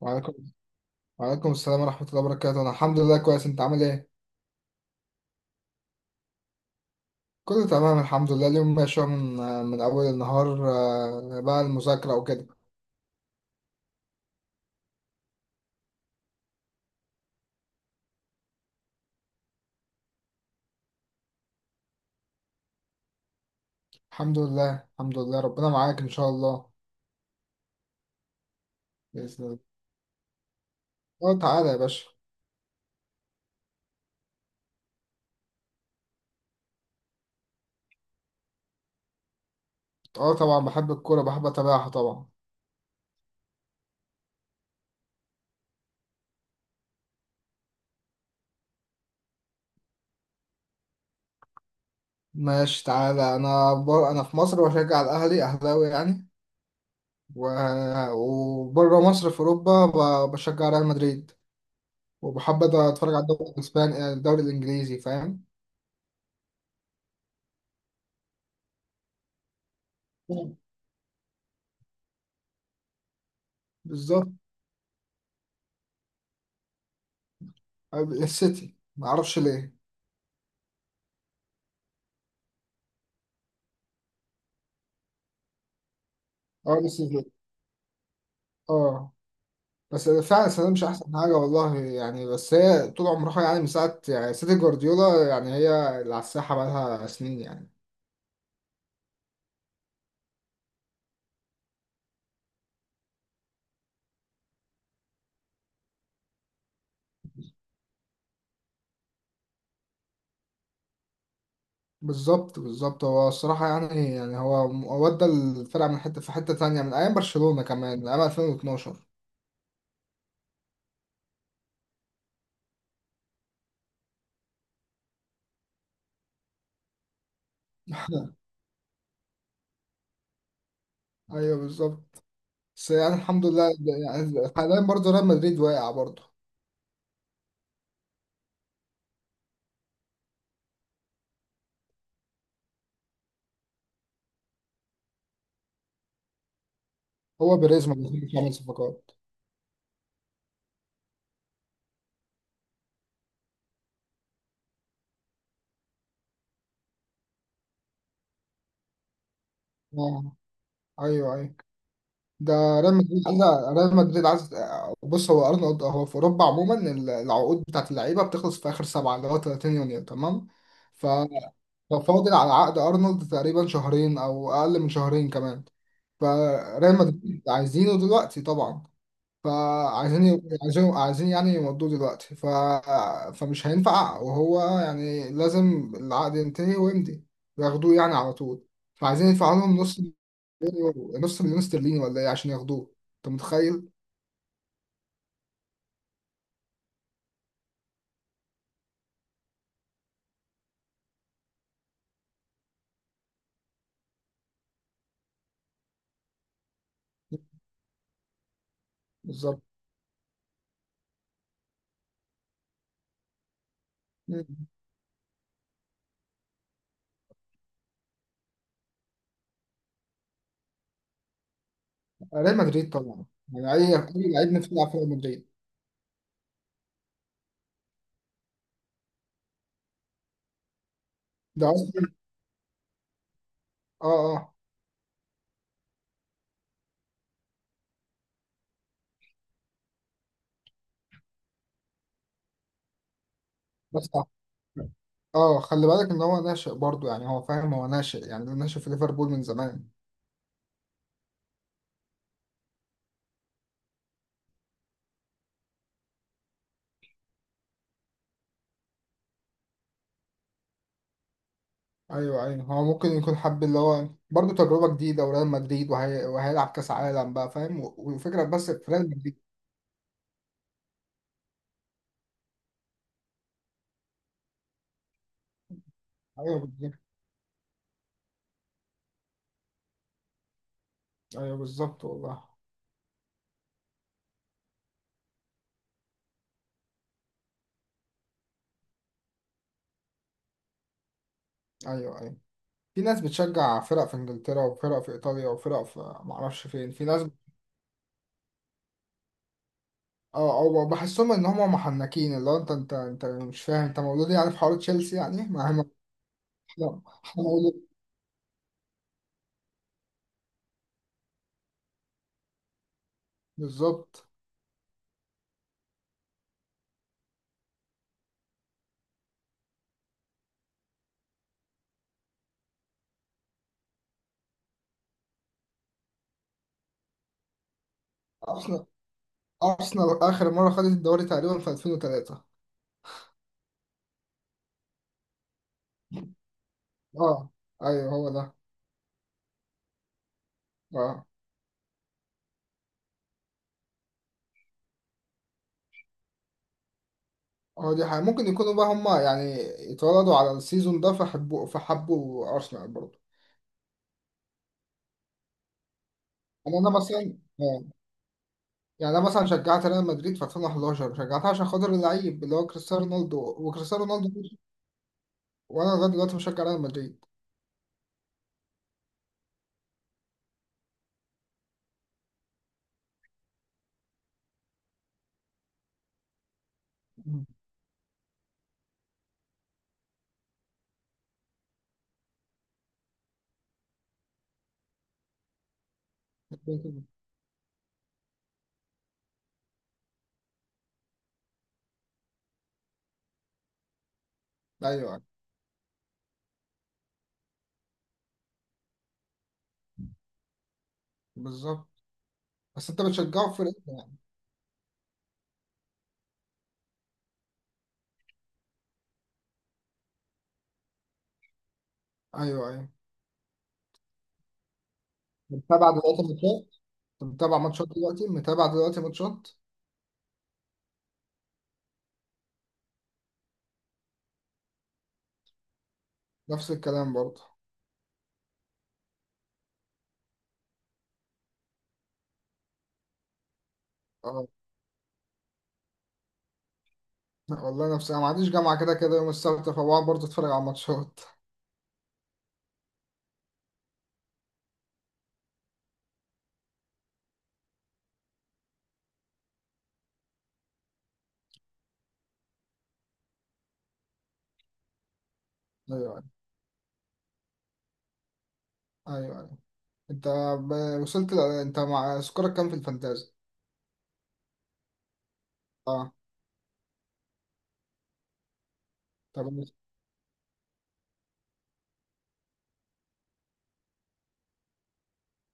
وعليكم وعليكم السلام ورحمة الله وبركاته. أنا الحمد لله كويس، أنت عامل إيه؟ كله تمام الحمد لله. اليوم ماشي أهو من أول النهار. بقى المذاكرة وكده. الحمد لله الحمد لله، ربنا معاك إن شاء الله. بإذن الله. تعالى يا باشا. طبعا بحب الكورة، بحب أتابعها طبعا. ماشي تعالى. أنا في مصر بشجع الأهلي، أهلاوي يعني. و... وبره مصر في أوروبا بشجع ريال مدريد، وبحب أتفرج على الدوري الإسباني الدوري الإنجليزي، فاهم؟ بالظبط. السيتي ما اعرفش ليه. اه بس فعلا السنه دي مش احسن حاجه والله يعني، بس هي طول عمرها يعني، من ساعه يعني سيتي جوارديولا، يعني هي اللي على الساحه بقالها سنين يعني. بالظبط بالظبط. هو الصراحه يعني هو ودى الفرقه من حته في حته تانيه، من ايام برشلونه كمان، من ايام 2012. ايوه بالظبط. بس يعني الحمد لله، يعني حاليا برضه ريال مدريد واقع برضه. هو بيريز ما بيعمل صفقات. اه ايوه ايوه. ده ريال مدريد عايز. بص، هو ارنولد هو في اوروبا عموما، العقود بتاعت اللعيبه بتخلص في اخر سبعه، اللي هو 30 يونيو تمام. ف- ففاضل على عقد ارنولد تقريبا شهرين او اقل من شهرين كمان، فريال مدريد عايزينه دلوقتي طبعا. فعايزين عايزين عايزين يعني يمضوه دلوقتي. فمش هينفع، وهو يعني لازم العقد ينتهي ويمضي وياخدوه يعني على طول، فعايزين يدفعوا لهم نص يورو، نص مليون استرليني ولا ايه عشان ياخدوه، انت متخيل؟ بالظبط. مم. ريال مدريد طبعا، يعني اي لعيب نفسه يلعب في ريال مدريد. ده اصلا. اه اه. بس اه. خلي بالك ان هو ناشئ برضه، يعني هو فاهم، هو ناشئ يعني، ده ناشئ في ليفربول من زمان. ايوه ايوه. هو ممكن يكون حب اللي هو برضه تجربه جديده وريال مدريد، وهيلعب كاس عالم بقى، فاهم؟ والفكره بس في ريال مدريد. ايوه بالظبط. ايوه بالظبط والله. ايوه ايوه. في ناس بتشجع فرق في انجلترا وفرق في ايطاليا وفرق في معرفش فين، اه. او بحسهم ان هم محنكين، اللي هو انت مش فاهم، انت مولود يعني في حوار تشيلسي، يعني ما هم احنا. إحنا مولود. بالظبط. ارسنال ارسنال اخر مره خدت الدوري تقريبا في 2003. اه ايوه هو ده. اه هو دي حاجة. ممكن يكونوا بقى هم يعني اتولدوا على السيزون ده، فحبوا ارسنال برضه. يعني انا مثلا آه. يعني انا مثلا شجعت ريال مدريد في 2011، شجعتها عشان خاطر اللعيب اللي هو كريستيانو رونالدو، وكريستيانو رونالدو مشي، وانا لغايه دلوقتي مشجع ريال مدريد. مم. ايوه بالظبط. بس انت بتشجعه في فرقتك يعني. ايوه ايوه. متابع دلوقتي ماتشات؟ أنت متابع ماتشات دلوقتي، متابع دلوقتي ماتشات. نفس الكلام برضه. اه والله، نفس، انا ما عنديش جامعه كده كده يوم السبت، فبقعد برضه اتفرج على ماتشات. ايوه ايوه. ايوه. انت وصلت انت مع سكورك كام في الفانتازي؟ اه طب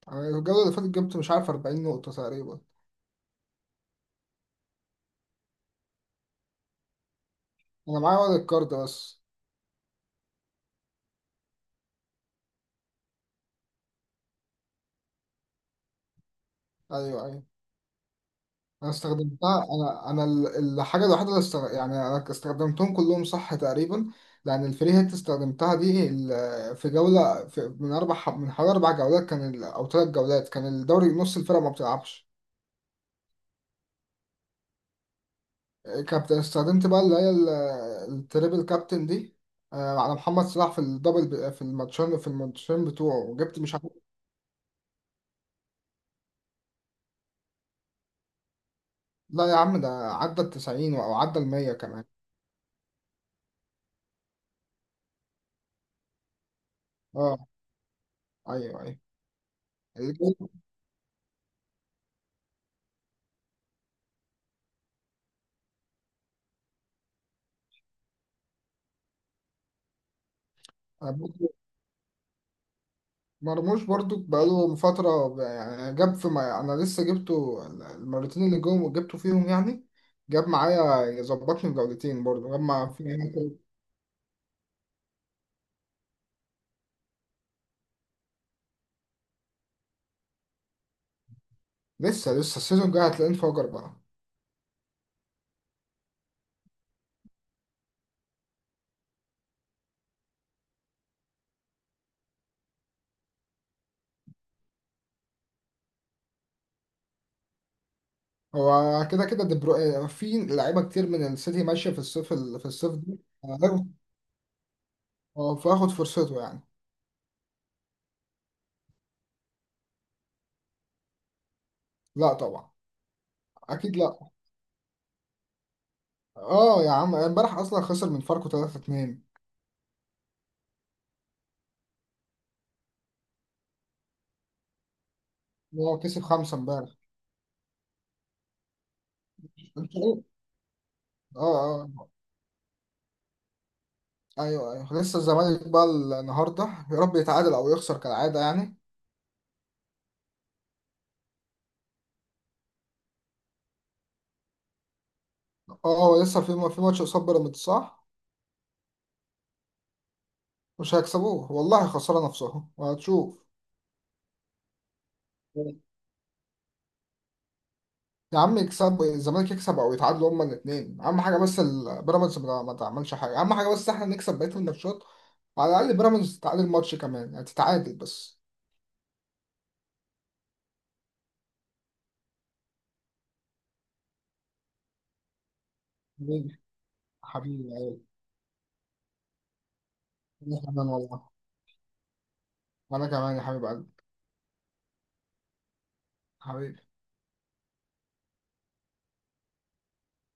يعني الجولة اللي فاتت جبت مش عارف 40 نقطة تقريبا. أنا معايا ورق الكارد بس. أيوه أيوه. أنا استخدمتها، الحاجة الوحيدة اللي يعني أنا استخدمتهم كلهم صح تقريبا. لأن الفري هيت استخدمتها، دي في جولة، في من من حوالي 4 جولات، كان أو 3 جولات، كان الدوري نص الفرقة ما بتلعبش. كابتن استخدمت بقى اللي هي التريبل كابتن دي، آه، على محمد صلاح في الدبل، في الماتشين بتوعه، وجبت مش عارف. لا يا عم، ده عدى ال 90 او عدى ال 100 كمان. اه ايوه ايوه. الجو- برضو- مرموش برضو بقاله فترة. يعني جاب في، ما انا لسه جبته المرتين اللي جم جبته فيهم يعني، جاب معايا ظبطني بجولتين برضو، جاب مع في. لسه السيزون الجاي هتلاقيه انفجر بقى. هو كده كده، في لعيبة كتير من السيتي ماشية في الصيف في الصيف ده. هاخد- اه، فاخد فرصته يعني. لا طبعا. اكيد لا. اه يا عم، امبارح اصلا خسر من فاركو 3-2. هو كسب 5 امبارح. اه اه ايوه ايوه. لسه الزمالك بقى النهارده، يا رب يتعادل او يخسر كالعاده يعني. اه هو لسه في ماتش قصاد بيراميدز، صح؟ مش هيكسبوه والله، خساره نفسهم، وهتشوف. يا عم، يكسب الزمالك، يكسب او يتعادلوا هما الاثنين اهم حاجه، بس بيراميدز ما تعملش حاجه اهم حاجه، بس احنا نكسب بقيه الماتشات، وعلى الاقل بيراميدز تتعادل ماتش كمان يعني، تتعادل بس. حبيبي حبيبي أيوة. أنا كمان والله. وانا كمان يا حبيب قلبي. حبيبي.